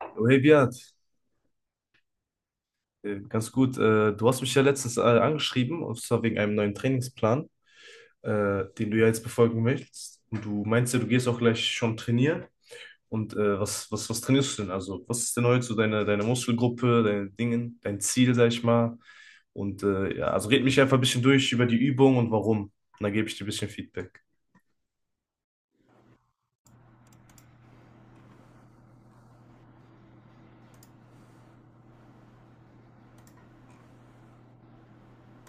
Oh, hey Beat. Ganz gut. Du hast mich ja letztens angeschrieben, und zwar wegen einem neuen Trainingsplan, den du ja jetzt befolgen möchtest. Und du meinst ja, du gehst auch gleich schon trainieren. Und was trainierst du denn? Also, was ist denn heute so deine Muskelgruppe, deine Dingen, dein Ziel, sag ich mal? Und ja, also red mich einfach ein bisschen durch über die Übung und warum. Und dann gebe ich dir ein bisschen Feedback.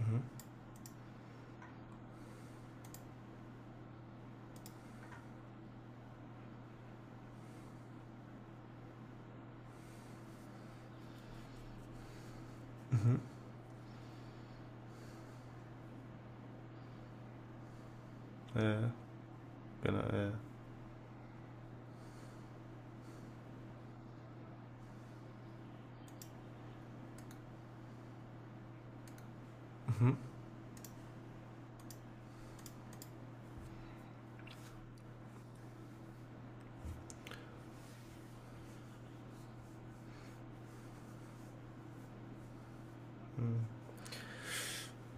Mhm, mhm, äh, genau, mhm.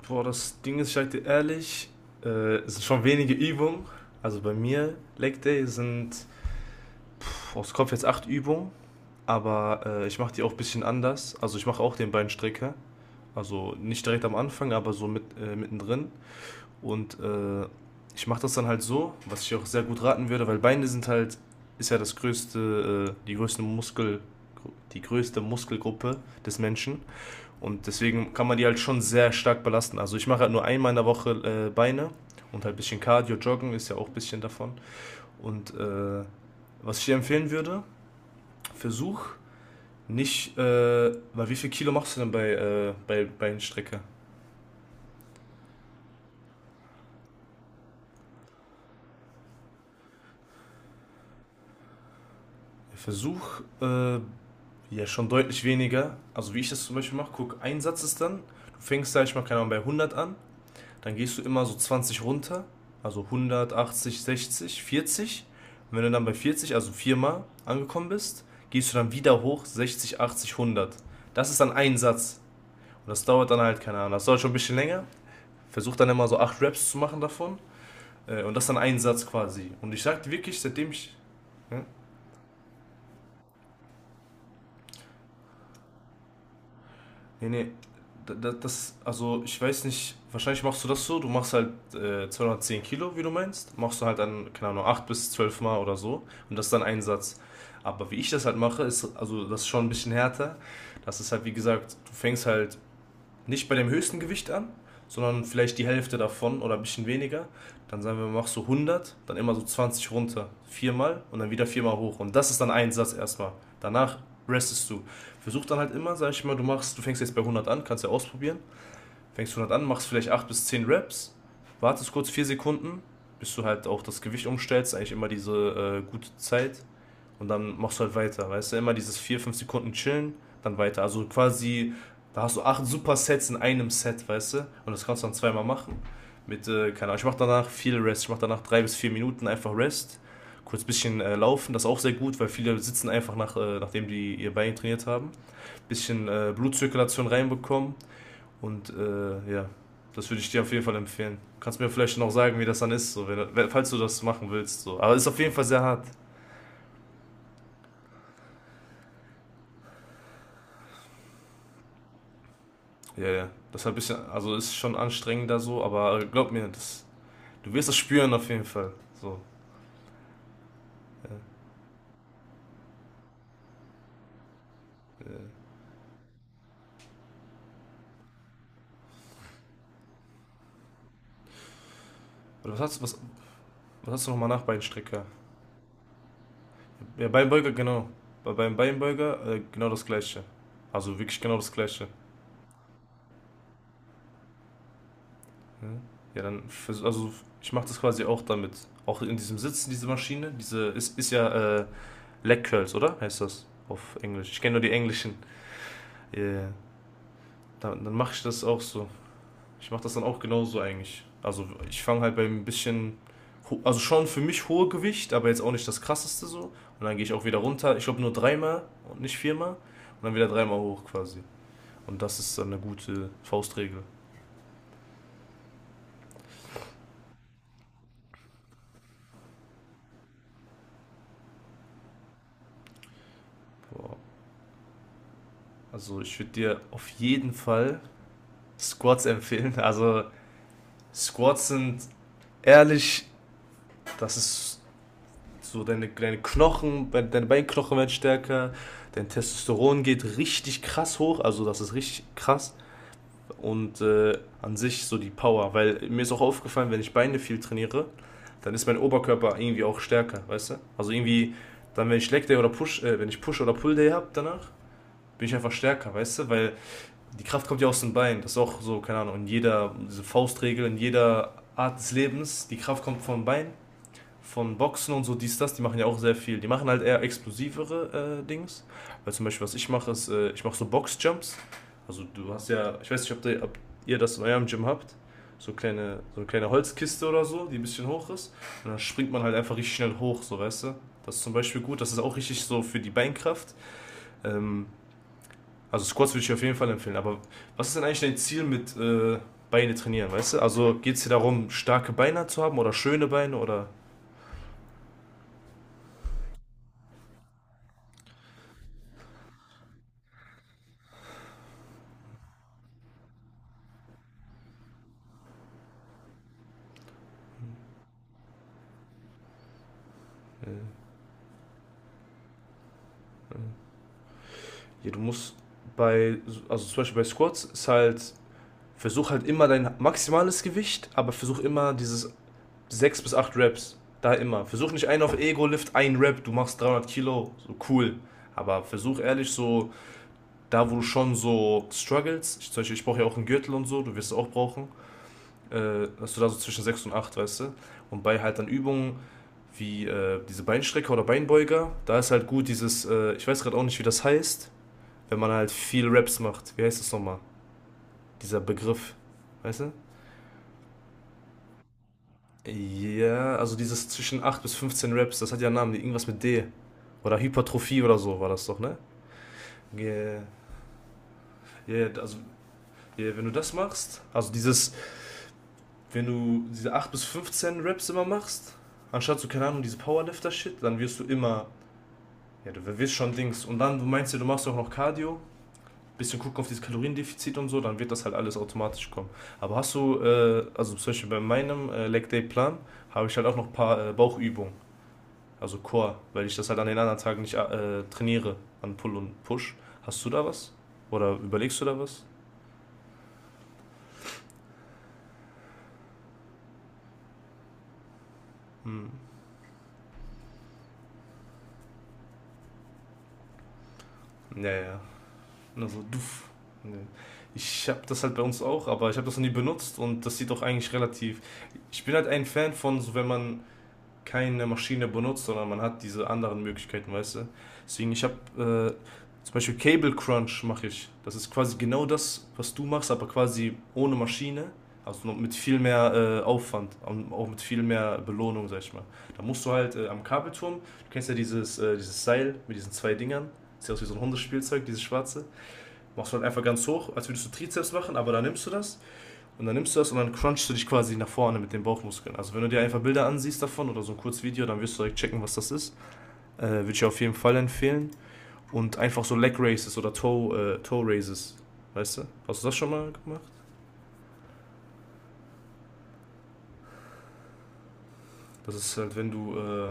Boah, das Ding ist, ich sag dir ehrlich, äh, es sind schon wenige Übungen. Also bei mir, Leg Day sind aus Kopf jetzt acht Übungen, aber ich mache die auch ein bisschen anders. Also ich mache auch den Beinstrecker. Also nicht direkt am Anfang, aber so mit, mittendrin. Und ich mache das dann halt so, was ich auch sehr gut raten würde, weil Beine sind halt, ist ja das größte, die größte Muskel, die größte Muskelgruppe des Menschen. Und deswegen kann man die halt schon sehr stark belasten. Also ich mache halt nur einmal in der Woche Beine und halt ein bisschen Cardio, Joggen ist ja auch ein bisschen davon. Und was ich dir empfehlen würde, versuch nicht, weil wie viel Kilo machst du denn bei Beinstrecke? Versuch ja schon deutlich weniger. Also wie ich das zum Beispiel mache, guck, ein Satz ist dann, du fängst, sag ich mal, keine Ahnung, bei 100 an. Dann gehst du immer so 20 runter, also 180, 60, 40. Und wenn du dann bei 40, also viermal angekommen bist, gehst du dann wieder hoch 60, 80, 100. Das ist dann ein Satz. Und das dauert dann halt, keine Ahnung, das dauert schon ein bisschen länger. Versuch dann immer so acht Raps zu machen davon. Und das ist dann ein Satz quasi. Und ich sagte wirklich, seitdem ich. Ja? Nee, nee. Das, also ich weiß nicht, wahrscheinlich machst du das so, du machst halt 210 Kilo, wie du meinst, machst du halt dann, keine Ahnung, 8 bis 12 Mal oder so und das ist dann ein Satz. Aber wie ich das halt mache, ist, also das ist schon ein bisschen härter. Das ist halt, wie gesagt, du fängst halt nicht bei dem höchsten Gewicht an, sondern vielleicht die Hälfte davon oder ein bisschen weniger. Dann sagen wir, machst du 100, dann immer so 20 runter, viermal und dann wieder viermal hoch. Und das ist dann ein Satz erstmal. Danach restest du. Versuch dann halt immer, sag ich mal, du machst, du fängst jetzt bei 100 an, kannst ja ausprobieren. Fängst 100 an, machst vielleicht 8 bis 10 Reps, wartest kurz 4 Sekunden, bis du halt auch das Gewicht umstellst, eigentlich immer diese gute Zeit. Und dann machst du halt weiter, weißt du? Immer dieses 4 5 Sekunden chillen, dann weiter. Also quasi, da hast du acht Supersets in einem Set, weißt du? Und das kannst du dann zweimal machen. Mit, keine Ahnung, ich mach danach viel Rest. Ich mach danach 3 bis 4 Minuten einfach Rest. Kurz ein bisschen laufen, das ist auch sehr gut, weil viele sitzen einfach nachdem die ihr Bein trainiert haben. Ein bisschen Blutzirkulation reinbekommen. Und ja, das würde ich dir auf jeden Fall empfehlen. Kannst mir vielleicht noch sagen, wie das dann ist, so, wenn, falls du das machen willst. So. Aber es ist auf jeden Fall sehr hart. Ja, ja. Das ist ein bisschen, also ist schon anstrengender so, aber glaub mir, das, du wirst das spüren auf jeden Fall. So. Ja, ja. Oder was hast du nochmal nach Beinstrecker? Ja, Beinbeuger, genau. Beim Beinbeuger genau das gleiche. Also wirklich genau das gleiche. Ja, ja dann, also ich mache das quasi auch damit. Auch in diesem Sitzen, diese Maschine, diese ist ja Leg Curls, oder? Heißt das auf Englisch? Ich kenne nur die englischen. Ja, ja. Dann mache ich das auch so. Ich mache das dann auch genauso eigentlich. Also ich fange halt beim bisschen, also schon für mich hohe Gewicht, aber jetzt auch nicht das krasseste so. Und dann gehe ich auch wieder runter. Ich glaube nur dreimal und nicht viermal. Und dann wieder dreimal hoch quasi. Und das ist dann eine gute Faustregel. Boah. Also ich würde dir auf jeden Fall Squats empfehlen. Also Squats sind ehrlich, das ist so deine Knochen, deine Beinknochen werden stärker, dein Testosteron geht richtig krass hoch, also das ist richtig krass. Und an sich so die Power. Weil mir ist auch aufgefallen, wenn ich Beine viel trainiere, dann ist mein Oberkörper irgendwie auch stärker, weißt du? Also irgendwie, dann wenn ich Leg Day oder wenn ich Push oder Pull Day habe danach, bin ich einfach stärker, weißt du? Weil die Kraft kommt ja aus den Beinen. Das ist auch so, keine Ahnung, in jeder, diese Faustregel, in jeder Art des Lebens, die Kraft kommt vom Bein von Boxen und so, dies, das, die machen ja auch sehr viel. Die machen halt eher explosivere Dings. Weil zum Beispiel, was ich mache, ist, ich mache so Boxjumps. Also du hast ja, ich weiß nicht, ob, der, ob ihr das in eurem Gym habt. So, kleine, so eine kleine Holzkiste oder so, die ein bisschen hoch ist. Und dann springt man halt einfach richtig schnell hoch, so weißt du. Das ist zum Beispiel gut, das ist auch richtig so für die Beinkraft. Ähm, also Squats würde ich auf jeden Fall empfehlen. Aber was ist denn eigentlich dein Ziel mit Beine trainieren, weißt du? Also geht es dir darum, starke Beine zu haben oder schöne Beine oder... äh, Ja, du musst bei, also zum Beispiel bei Squats ist halt, versuch halt immer dein maximales Gewicht, aber versuch immer dieses 6 bis 8 Reps. Da immer. Versuch nicht einen auf Ego-Lift, ein Rep, du machst 300 Kilo, so cool. Aber versuch ehrlich so, da wo du schon so struggles, ich, zum Beispiel, ich brauche ja auch einen Gürtel und so, du wirst es auch brauchen, dass du da so zwischen 6 und 8 weißt du? Und bei halt dann Übungen wie diese Beinstrecker oder Beinbeuger, da ist halt gut dieses, ich weiß gerade auch nicht, wie das heißt, wenn man halt viel Raps macht. Wie heißt das nochmal? Dieser Begriff. Weißt du? Ja, also dieses zwischen 8 bis 15 Raps, das hat ja einen Namen, irgendwas mit D. Oder Hypertrophie oder so war das doch, ne? Yeah. Yeah, also yeah, wenn du das machst, also dieses, wenn du diese 8 bis 15 Raps immer machst, anstatt so, keine Ahnung, diese Powerlifter-Shit, dann wirst du immer, ja, du wirst schon Dings. Und dann, du meinst ja, du machst auch noch Cardio, bisschen gucken auf dieses Kaloriendefizit und so, dann wird das halt alles automatisch kommen. Aber hast du, also zum Beispiel bei meinem Leg Day Plan, habe ich halt auch noch ein paar Bauchübungen, also Core, weil ich das halt an den anderen Tagen nicht trainiere, an Pull und Push. Hast du da was? Oder überlegst du da was? Hm. Ja, ja. Also, duff. Nee. Ich habe das halt bei uns auch, aber ich habe das noch nie benutzt und das sieht doch eigentlich relativ. Ich bin halt ein Fan von, so wenn man keine Maschine benutzt, sondern man hat diese anderen Möglichkeiten, weißt du? Deswegen, ich habe zum Beispiel Cable Crunch mache ich. Das ist quasi genau das, was du machst, aber quasi ohne Maschine. Also mit viel mehr Aufwand, und auch mit viel mehr Belohnung, sag ich mal. Da musst du halt am Kabelturm, du kennst ja dieses Seil mit diesen zwei Dingern, sieht aus wie so ein Hundespielzeug, dieses schwarze. Machst du halt einfach ganz hoch, als würdest du Trizeps machen, aber da nimmst du das und dann nimmst du das und dann crunchst du dich quasi nach vorne mit den Bauchmuskeln. Also wenn du dir einfach Bilder ansiehst davon oder so ein kurzes Video, dann wirst du direkt checken, was das ist. Würde ich auf jeden Fall empfehlen. Und einfach so Leg raises oder Toe raises. Weißt du? Hast du das schon mal gemacht? Das ist halt, wenn du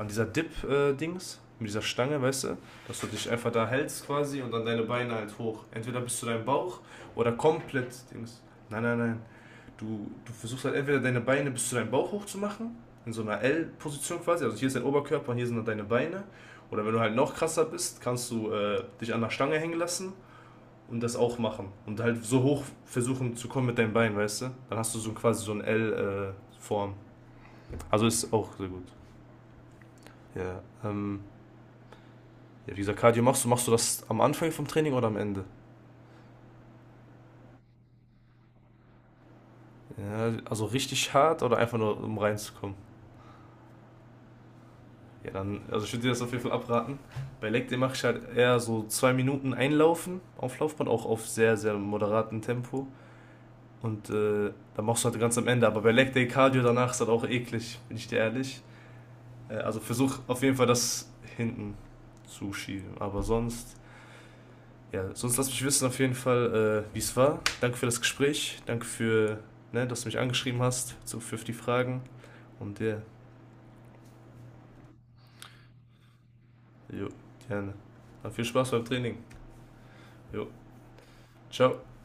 an dieser Dip-Dings, mit dieser Stange, weißt du, dass du dich einfach da hältst quasi und dann deine Beine halt hoch. Entweder bis zu deinem Bauch oder komplett Dings. Nein, nein, nein. Du versuchst halt entweder deine Beine bis zu deinem Bauch hoch zu machen, in so einer L-Position quasi. Also hier ist dein Oberkörper und hier sind dann deine Beine. Oder wenn du halt noch krasser bist, kannst du dich an der Stange hängen lassen und das auch machen. Und halt so hoch versuchen zu kommen mit deinen Beinen, weißt du? Dann hast du so quasi so eine L-Form. Also ist auch sehr gut. Ja, ja, wie gesagt, Cardio machst du das am Anfang vom Training oder am Ende? Ja, also richtig hart oder einfach nur um reinzukommen? Ja, dann, also ich würde dir das auf jeden Fall abraten. Bei Leg Day mache ich halt eher so 2 Minuten einlaufen auf Laufband, auch auf sehr, sehr moderatem Tempo. Und dann machst du halt ganz am Ende. Aber bei Leg Day Cardio danach ist halt auch eklig, bin ich dir ehrlich. Also versuch auf jeden Fall das hinten zu schieben. Aber sonst, ja, sonst lass mich wissen auf jeden Fall, wie es war. Danke für das Gespräch. Danke für, ne, dass du mich angeschrieben hast so für die Fragen. Und ja, jo, gerne. Dann viel Spaß beim Training. Jo, ciao.